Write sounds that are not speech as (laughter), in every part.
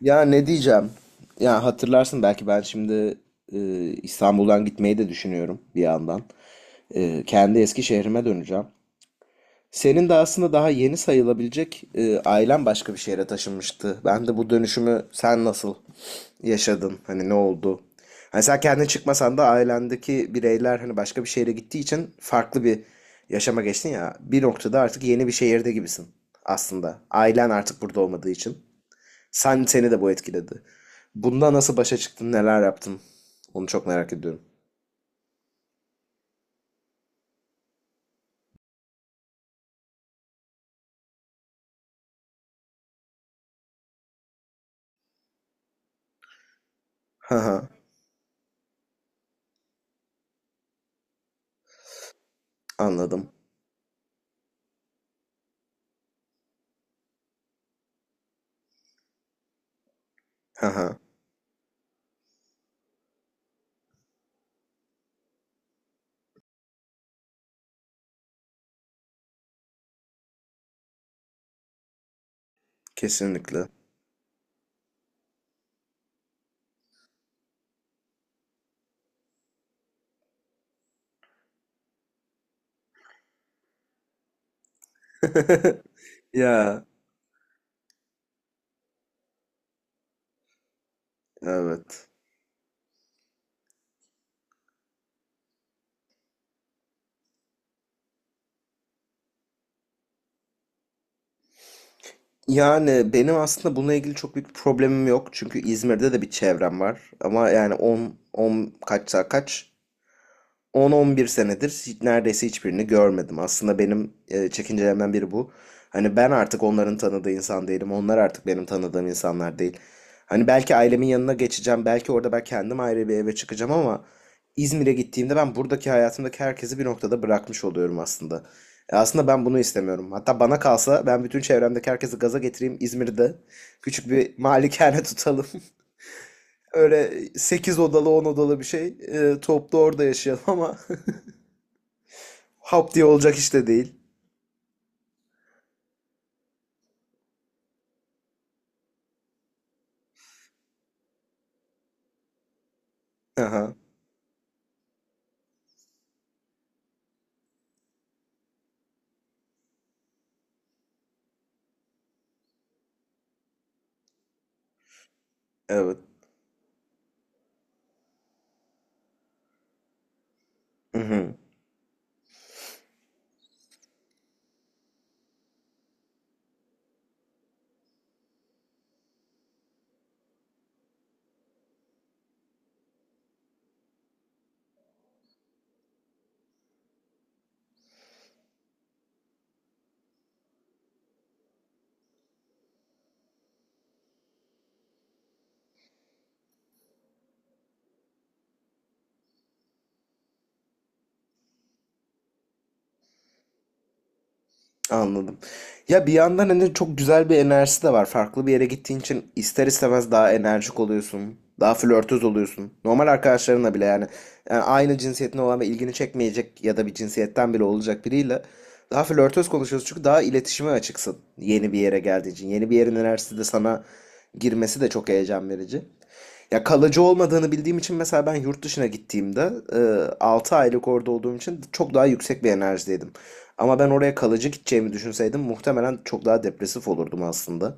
Ya ne diyeceğim? Ya hatırlarsın belki ben şimdi e, İstanbul'dan gitmeyi de düşünüyorum bir yandan. Kendi eski şehrime döneceğim. Senin de aslında daha yeni sayılabilecek ailen başka bir şehre taşınmıştı. Ben de bu dönüşümü sen nasıl yaşadın? Hani ne oldu? Hani sen kendin çıkmasan da ailendeki bireyler hani başka bir şehre gittiği için farklı bir yaşama geçtin ya. Bir noktada artık yeni bir şehirde gibisin aslında. Ailen artık burada olmadığı için. Sen seni de bu etkiledi. Bunda nasıl başa çıktın, neler yaptın? Onu çok merak ediyorum. Ha ha, anladım. Ha ha, kesinlikle. (laughs) Ya, evet. Yani benim aslında bununla ilgili çok büyük bir problemim yok. Çünkü İzmir'de de bir çevrem var. Ama yani 10 10 kaçsa kaç 10-11 senedir neredeyse hiçbirini görmedim. Aslında benim çekincelerimden biri bu. Hani ben artık onların tanıdığı insan değilim. Onlar artık benim tanıdığım insanlar değil. Hani belki ailemin yanına geçeceğim. Belki orada ben kendim ayrı bir eve çıkacağım ama İzmir'e gittiğimde ben buradaki hayatımdaki herkesi bir noktada bırakmış oluyorum aslında. Aslında ben bunu istemiyorum. Hatta bana kalsa ben bütün çevremdeki herkesi gaza getireyim İzmir'de. Küçük bir malikane tutalım. (laughs) Öyle 8 odalı 10 odalı bir şey. Toplu orada yaşayalım ama (laughs) Hop diye olacak işte değil. Aha, evet. Mhm, anladım. Ya bir yandan hani çok güzel bir enerjisi de var. Farklı bir yere gittiğin için ister istemez daha enerjik oluyorsun. Daha flörtöz oluyorsun. Normal arkadaşlarınla bile yani. Yani aynı cinsiyetin olan ve ilgini çekmeyecek ya da bir cinsiyetten bile olacak biriyle daha flörtöz konuşuyorsun çünkü daha iletişime açıksın yeni bir yere geldiğin için. Yeni bir yerin enerjisi de sana girmesi de çok heyecan verici. Ya kalıcı olmadığını bildiğim için mesela ben yurt dışına gittiğimde 6 aylık orada olduğum için çok daha yüksek bir enerjideydim. Ama ben oraya kalıcı gideceğimi düşünseydim muhtemelen çok daha depresif olurdum aslında.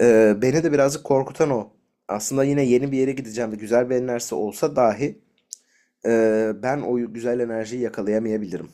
Beni de birazcık korkutan o. Aslında yine yeni bir yere gideceğim ve güzel bir enerjisi olsa dahi ben o güzel enerjiyi yakalayamayabilirim.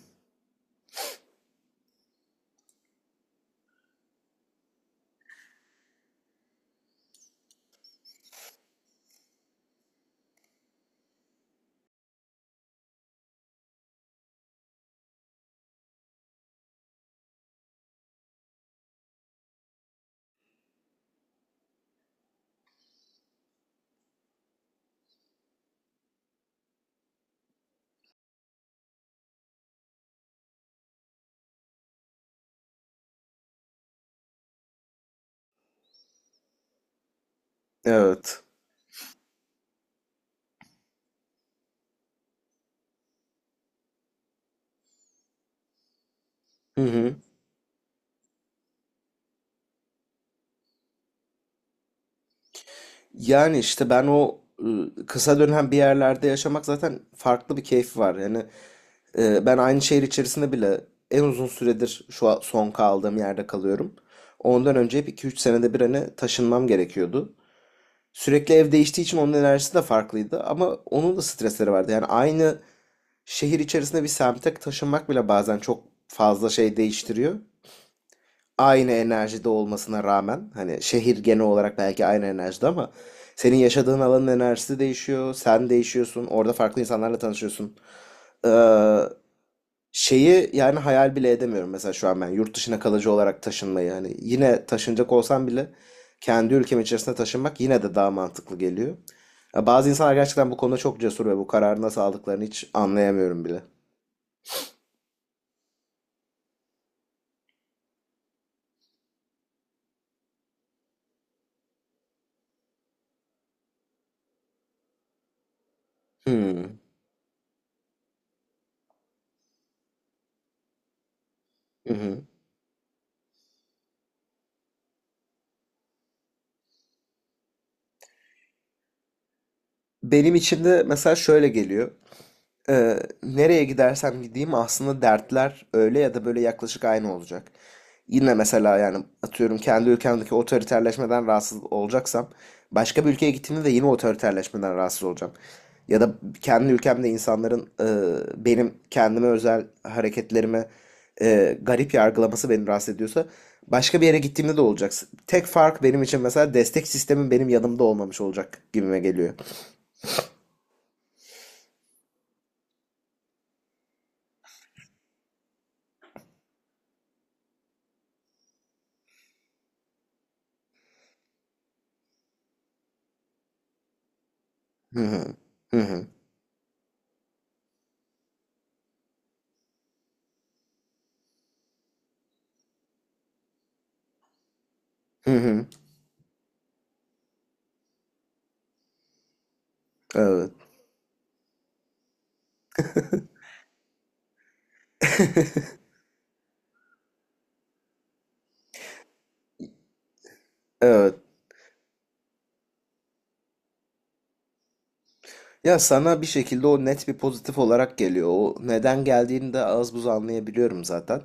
Evet. Hı hı. Yani işte ben o kısa dönem bir yerlerde yaşamak zaten farklı bir keyfi var. Yani ben aynı şehir içerisinde bile en uzun süredir şu an son kaldığım yerde kalıyorum. Ondan önce hep iki üç senede bir hani taşınmam gerekiyordu. Sürekli ev değiştiği için onun enerjisi de farklıydı ama onun da stresleri vardı. Yani aynı şehir içerisinde bir semte taşınmak bile bazen çok fazla şey değiştiriyor. Aynı enerjide olmasına rağmen hani şehir genel olarak belki aynı enerjide ama senin yaşadığın alanın enerjisi değişiyor, sen değişiyorsun, orada farklı insanlarla tanışıyorsun. Ee, Şeyi yani hayal bile edemiyorum mesela şu an ben yurt dışına kalıcı olarak taşınmayı hani yine taşınacak olsam bile kendi ülkem içerisinde taşınmak yine de daha mantıklı geliyor. Ya bazı insanlar gerçekten bu konuda çok cesur ve bu kararı nasıl aldıklarını hiç anlayamıyorum bile. Hmm. Hı hı. Benim içimde mesela şöyle geliyor. Nereye gidersem gideyim aslında dertler öyle ya da böyle yaklaşık aynı olacak. Yine mesela yani atıyorum kendi ülkemdeki otoriterleşmeden rahatsız olacaksam başka bir ülkeye gittiğimde de yine otoriterleşmeden rahatsız olacağım. Ya da kendi ülkemde insanların benim kendime özel hareketlerime garip yargılaması beni rahatsız ediyorsa başka bir yere gittiğimde de olacak. Tek fark benim için mesela destek sistemin benim yanımda olmamış olacak gibime geliyor. Hı hı. Hı hı. Hı hı. Evet. Evet. Ya sana bir şekilde o net bir pozitif olarak geliyor. O neden geldiğini de az buz anlayabiliyorum zaten.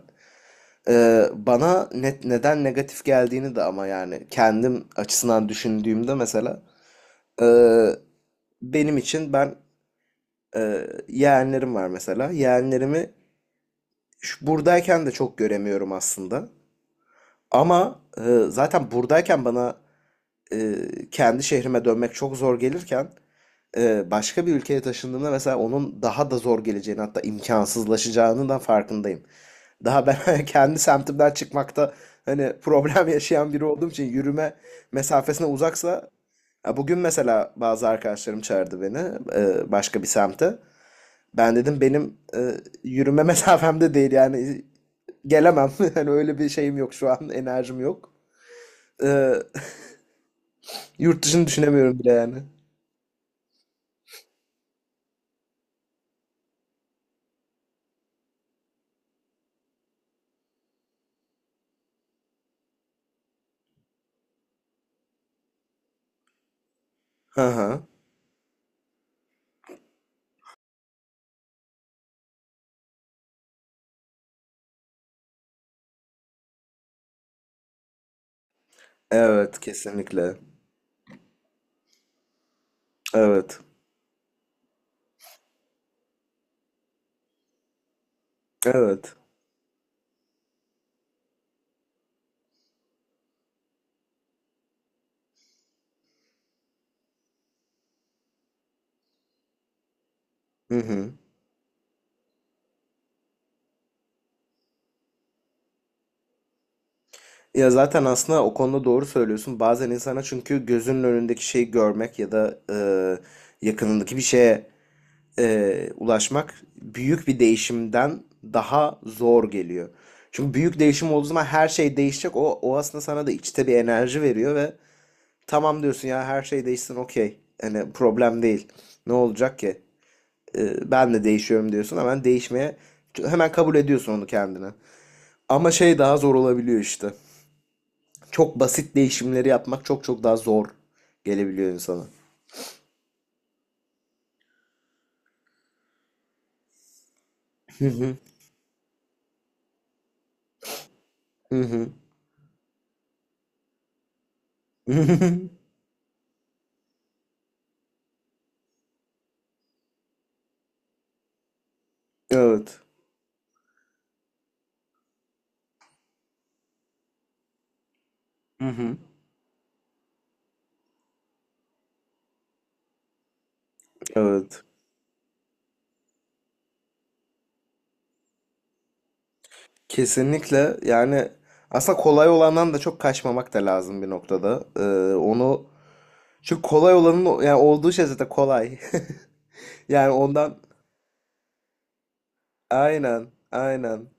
Bana net neden negatif geldiğini de ama yani kendim açısından düşündüğümde mesela e, benim için ben yeğenlerim var mesela. Yeğenlerimi buradayken de çok göremiyorum aslında. Ama zaten buradayken bana e, kendi şehrime dönmek çok zor gelirken başka bir ülkeye taşındığımda mesela onun daha da zor geleceğini hatta imkansızlaşacağının da farkındayım. Daha ben (laughs) kendi semtimden çıkmakta hani problem yaşayan biri olduğum için yürüme mesafesine uzaksa ya bugün mesela bazı arkadaşlarım çağırdı beni başka bir semte. Ben dedim benim yürüme (laughs) mesafemde değil yani gelemem. (laughs) Hani öyle bir şeyim yok şu an enerjim yok, E, (laughs) yurt dışını düşünemiyorum bile yani. Hı hı. Evet, kesinlikle. Evet. Evet. Hı hı. Ya zaten aslında o konuda doğru söylüyorsun. Bazen insana çünkü gözünün önündeki şeyi görmek ya da yakınındaki bir şeye ulaşmak büyük bir değişimden daha zor geliyor. Çünkü büyük değişim olduğu zaman her şey değişecek. O aslında sana da içte bir enerji veriyor ve tamam diyorsun ya her şey değişsin okey. Hani problem değil. Ne olacak ki? Ben de değişiyorum diyorsun. Hemen değişmeye hemen kabul ediyorsun onu kendine. Ama şey daha zor olabiliyor işte. Çok basit değişimleri yapmak çok çok daha zor gelebiliyor insana. Hı hı. Hı hı. (laughs) Evet. Hı hı. Evet. Kesinlikle yani aslında kolay olandan da çok kaçmamak da lazım bir noktada. Onu çünkü kolay olanın yani olduğu şey zaten kolay. (laughs) Yani ondan aynen aynen.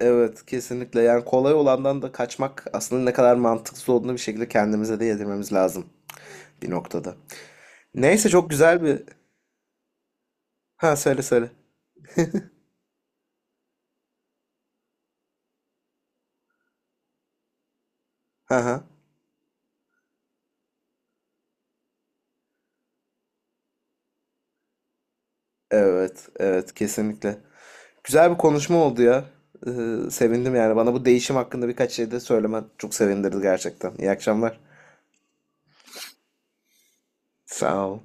Evet kesinlikle yani kolay olandan da kaçmak aslında ne kadar mantıksız olduğunu bir şekilde kendimize de yedirmemiz lazım bir noktada. Neyse çok güzel bir... Ha söyle söyle. Ha ha. Evet evet kesinlikle. Güzel bir konuşma oldu ya. Sevindim yani bana bu değişim hakkında birkaç şey de söylemen çok sevindirdi gerçekten. İyi akşamlar. Sağ ol.